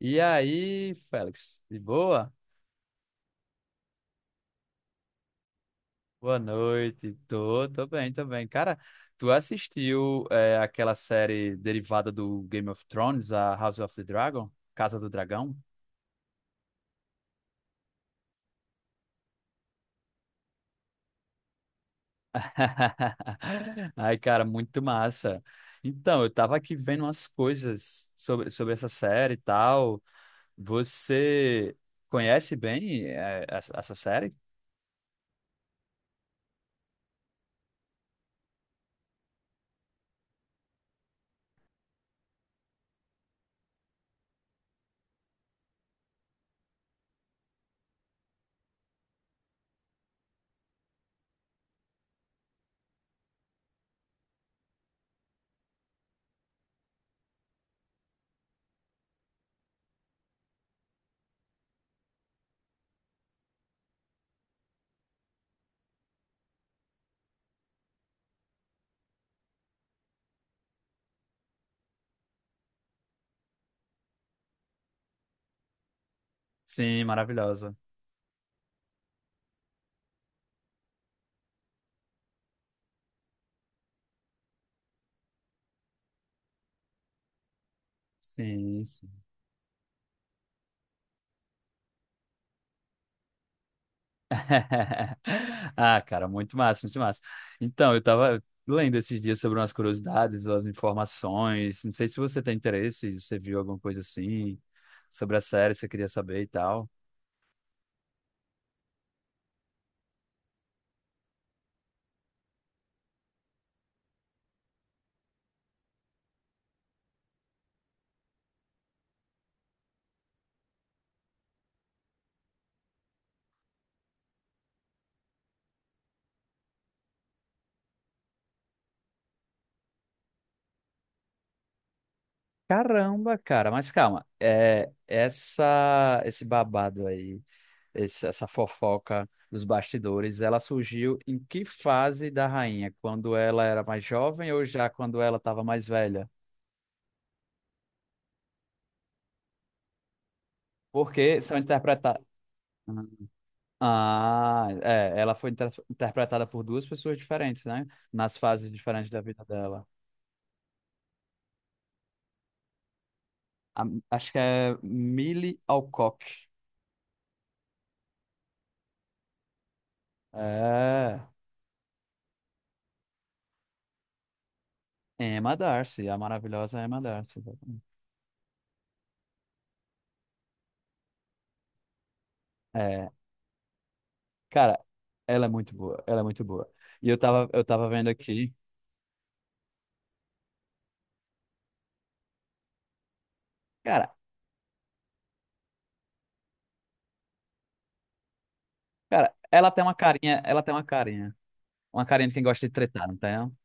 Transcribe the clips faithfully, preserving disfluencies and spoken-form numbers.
E aí, Félix, de boa? Boa noite. Tô, tô bem, tô bem. Cara, tu assistiu é, aquela série derivada do Game of Thrones, a House of the Dragon? Casa do Dragão? Ai, cara, muito massa. Então, eu tava aqui vendo umas coisas sobre, sobre essa série e tal. Você conhece bem é, essa essa série? Sim, maravilhosa. Sim. Ah, cara, muito massa, muito massa. Então, eu tava lendo esses dias sobre umas curiosidades, umas informações. Não sei se você tem interesse, se você viu alguma coisa assim sobre a série, se você queria saber e tal. Caramba, cara, mas calma. É, essa, esse babado aí, esse- essa fofoca dos bastidores, ela surgiu em que fase da rainha? Quando ela era mais jovem ou já quando ela estava mais velha? Porque são interpretadas. Ah, é, ela foi inter- interpretada por duas pessoas diferentes, né? Nas fases diferentes da vida dela. A- Acho que é Millie Alcock. É, Emma Darcy, a maravilhosa Emma Darcy. Exatamente. É, cara, ela é muito boa, ela é muito boa. E eu tava, eu tava vendo aqui, cara, cara, ela tem uma carinha, ela tem uma carinha, uma carinha de quem gosta de tretar, não tem? Não?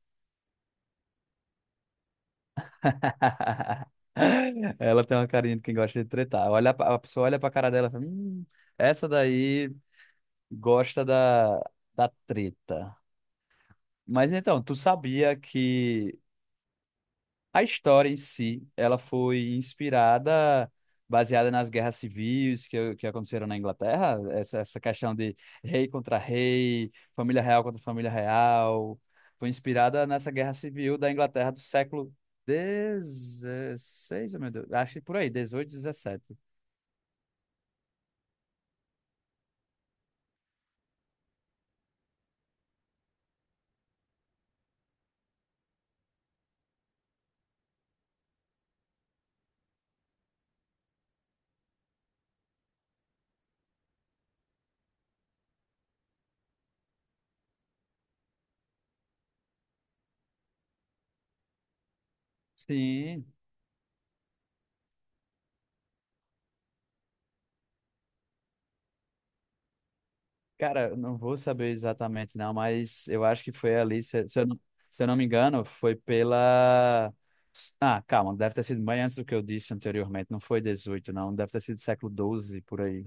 Ela tem uma carinha de quem gosta de tretar. Olha, pra- a pessoa olha pra cara dela e fala, "Hum, essa daí. Gosta da, da treta." Mas então, tu sabia que a história em si, ela foi inspirada, baseada nas guerras civis que, que aconteceram na Inglaterra? Essa, essa questão de rei contra rei, família real contra família real. Foi inspirada nessa guerra civil da Inglaterra do século dezesseis, meu Deus. Acho que por aí, dezoito, dezessete. Sim. Cara, eu não vou saber exatamente não, mas eu acho que foi ali, se, se eu não, se eu não me engano, foi pela... Ah, calma, deve ter sido bem antes do que eu disse anteriormente, não foi dezoito, não, deve ter sido século doze por aí.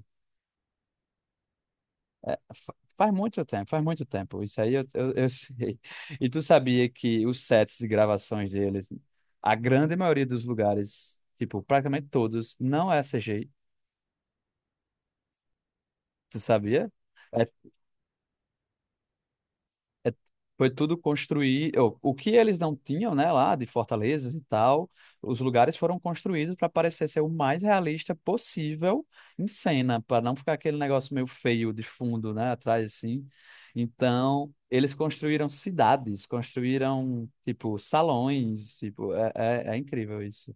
É, fa- faz muito tempo, faz muito tempo, isso aí eu, eu, eu sei. E tu sabia que os sets de gravações deles, a grande maioria dos lugares, tipo, praticamente todos, não é C G I, tu sabia? É. Foi tudo construir. O o que eles não tinham, né, lá de fortalezas e tal, os lugares foram construídos para parecer ser o mais realista possível em cena, para não ficar aquele negócio meio feio de fundo, né, atrás assim. Então, eles construíram cidades, construíram, tipo, salões, tipo, é, é, é incrível isso.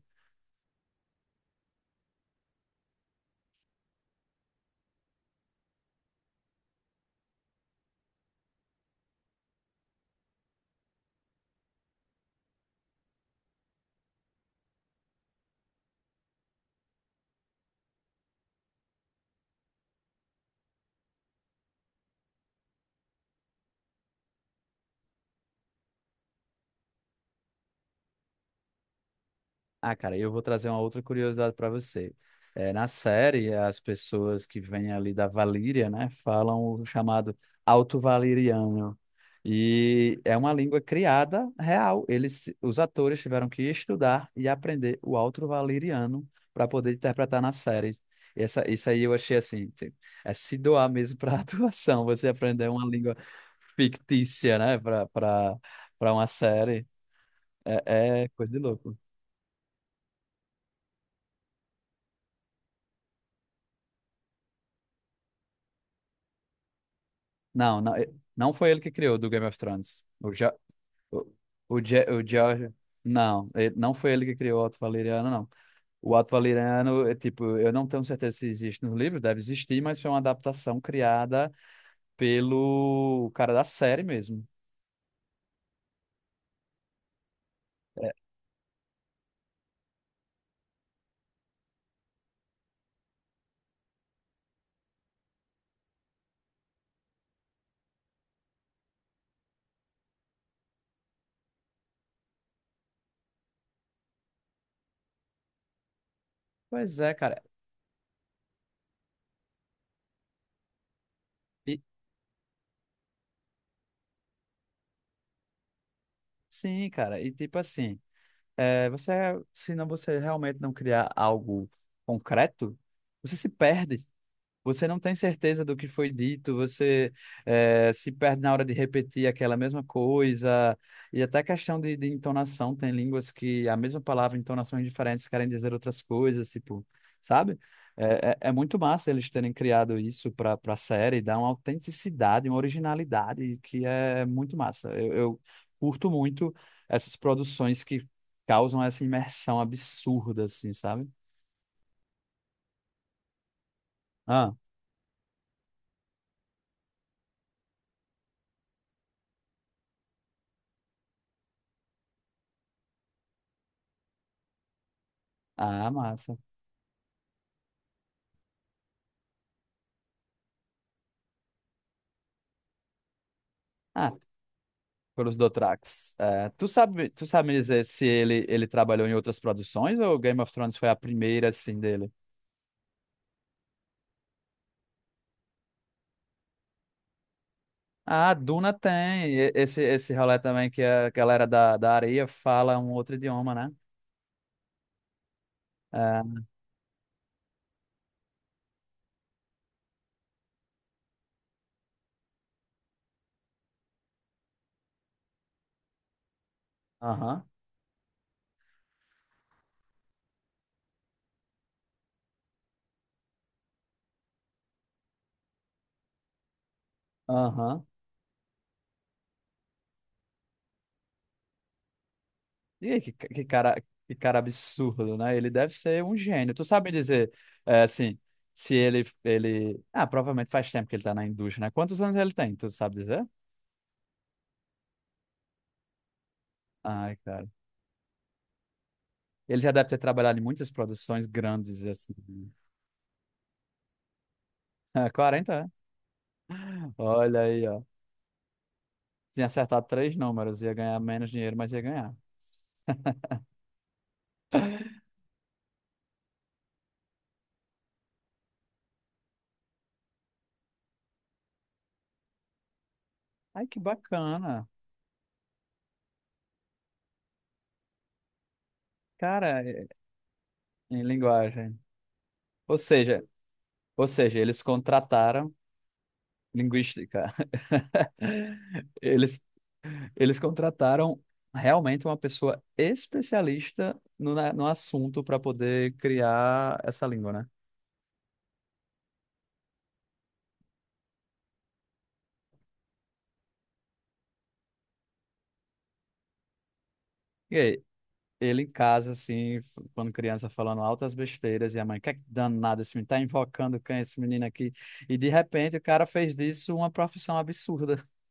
Ah, cara, eu vou trazer uma outra curiosidade para você. É, na série, as pessoas que vêm ali da Valíria, né, falam o chamado Alto Valiriano. E é uma língua criada real. Eles, os atores tiveram que estudar e aprender o Alto Valiriano para poder interpretar na série. Essa, isso aí eu achei assim, tipo, é se doar mesmo para a atuação, você aprender uma língua fictícia, né, para para para uma série. É, é coisa de louco. Não, não, eh, não foi ele que criou do Game of Thrones. O ja, o, o, Ja- o George, não, eh, não foi ele que criou o Alto Valeriano, não. O Alto Valeriano, é tipo, eu não tenho certeza se existe nos livros, deve existir, mas foi uma adaptação criada pelo cara da série mesmo. É, pois é, cara. E, sim, cara. E tipo assim, é, você, se não você realmente não criar algo concreto, você se perde. Você não tem certeza do que foi dito, você eh, se perde na hora de repetir aquela mesma coisa, e até questão de, de entonação, tem línguas que a mesma palavra, entonações diferentes, querem dizer outras coisas, tipo, sabe? É, é- é muito massa eles terem criado isso para para a série, dá uma autenticidade, uma originalidade que é muito massa. Eu, eu curto muito essas produções que causam essa imersão absurda, assim, sabe? Ah, ah, massa. Ah, Pelos Dothrax. É, tu sabe, tu sabe me dizer se ele, ele trabalhou em outras produções ou Game of Thrones foi a primeira, assim, dele? Ah, Duna tem. e- Esse, esse rolê também que a galera da, da areia fala um outro idioma, né? É. Aham, aham. E aí, que, que cara, que cara absurdo, né? Ele deve ser um gênio. Tu sabe me dizer, é, assim, se ele, ele... Ah, provavelmente faz tempo que ele tá na indústria, né? Quantos anos ele tem? Tu sabe dizer? Ai, cara. Ele já deve ter trabalhado em muitas produções grandes, assim. É, quarenta, é? Olha aí, ó. Tinha acertado três números, ia ganhar menos dinheiro, mas ia ganhar. Ai, que bacana. Cara, é- em linguagem. Ou seja, ou seja, eles contrataram linguística. Eles, eles contrataram realmente uma pessoa especialista no, na- no assunto para poder criar essa língua, né? E aí? Ele em casa, assim, f- quando criança, falando altas besteiras, e a mãe, que é que danado, esse menino tá invocando quem, é esse menino aqui? E de repente o cara fez disso uma profissão absurda.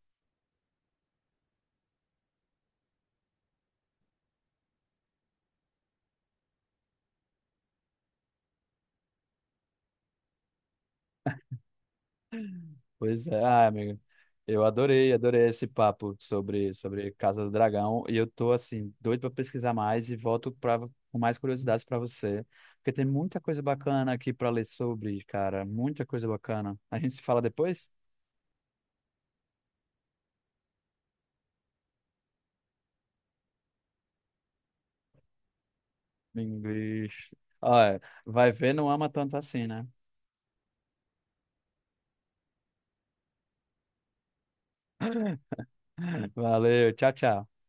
Pois é, ah, amigo, eu adorei, adorei esse papo sobre, sobre Casa do Dragão, e eu tô, assim, doido para pesquisar mais e volto pra, com mais curiosidades para você, porque tem muita coisa bacana aqui para ler sobre, cara, muita coisa bacana. A gente se fala depois? Minguiche. Olha, vai ver, não ama tanto assim, né? Valeu, tchau, tchau.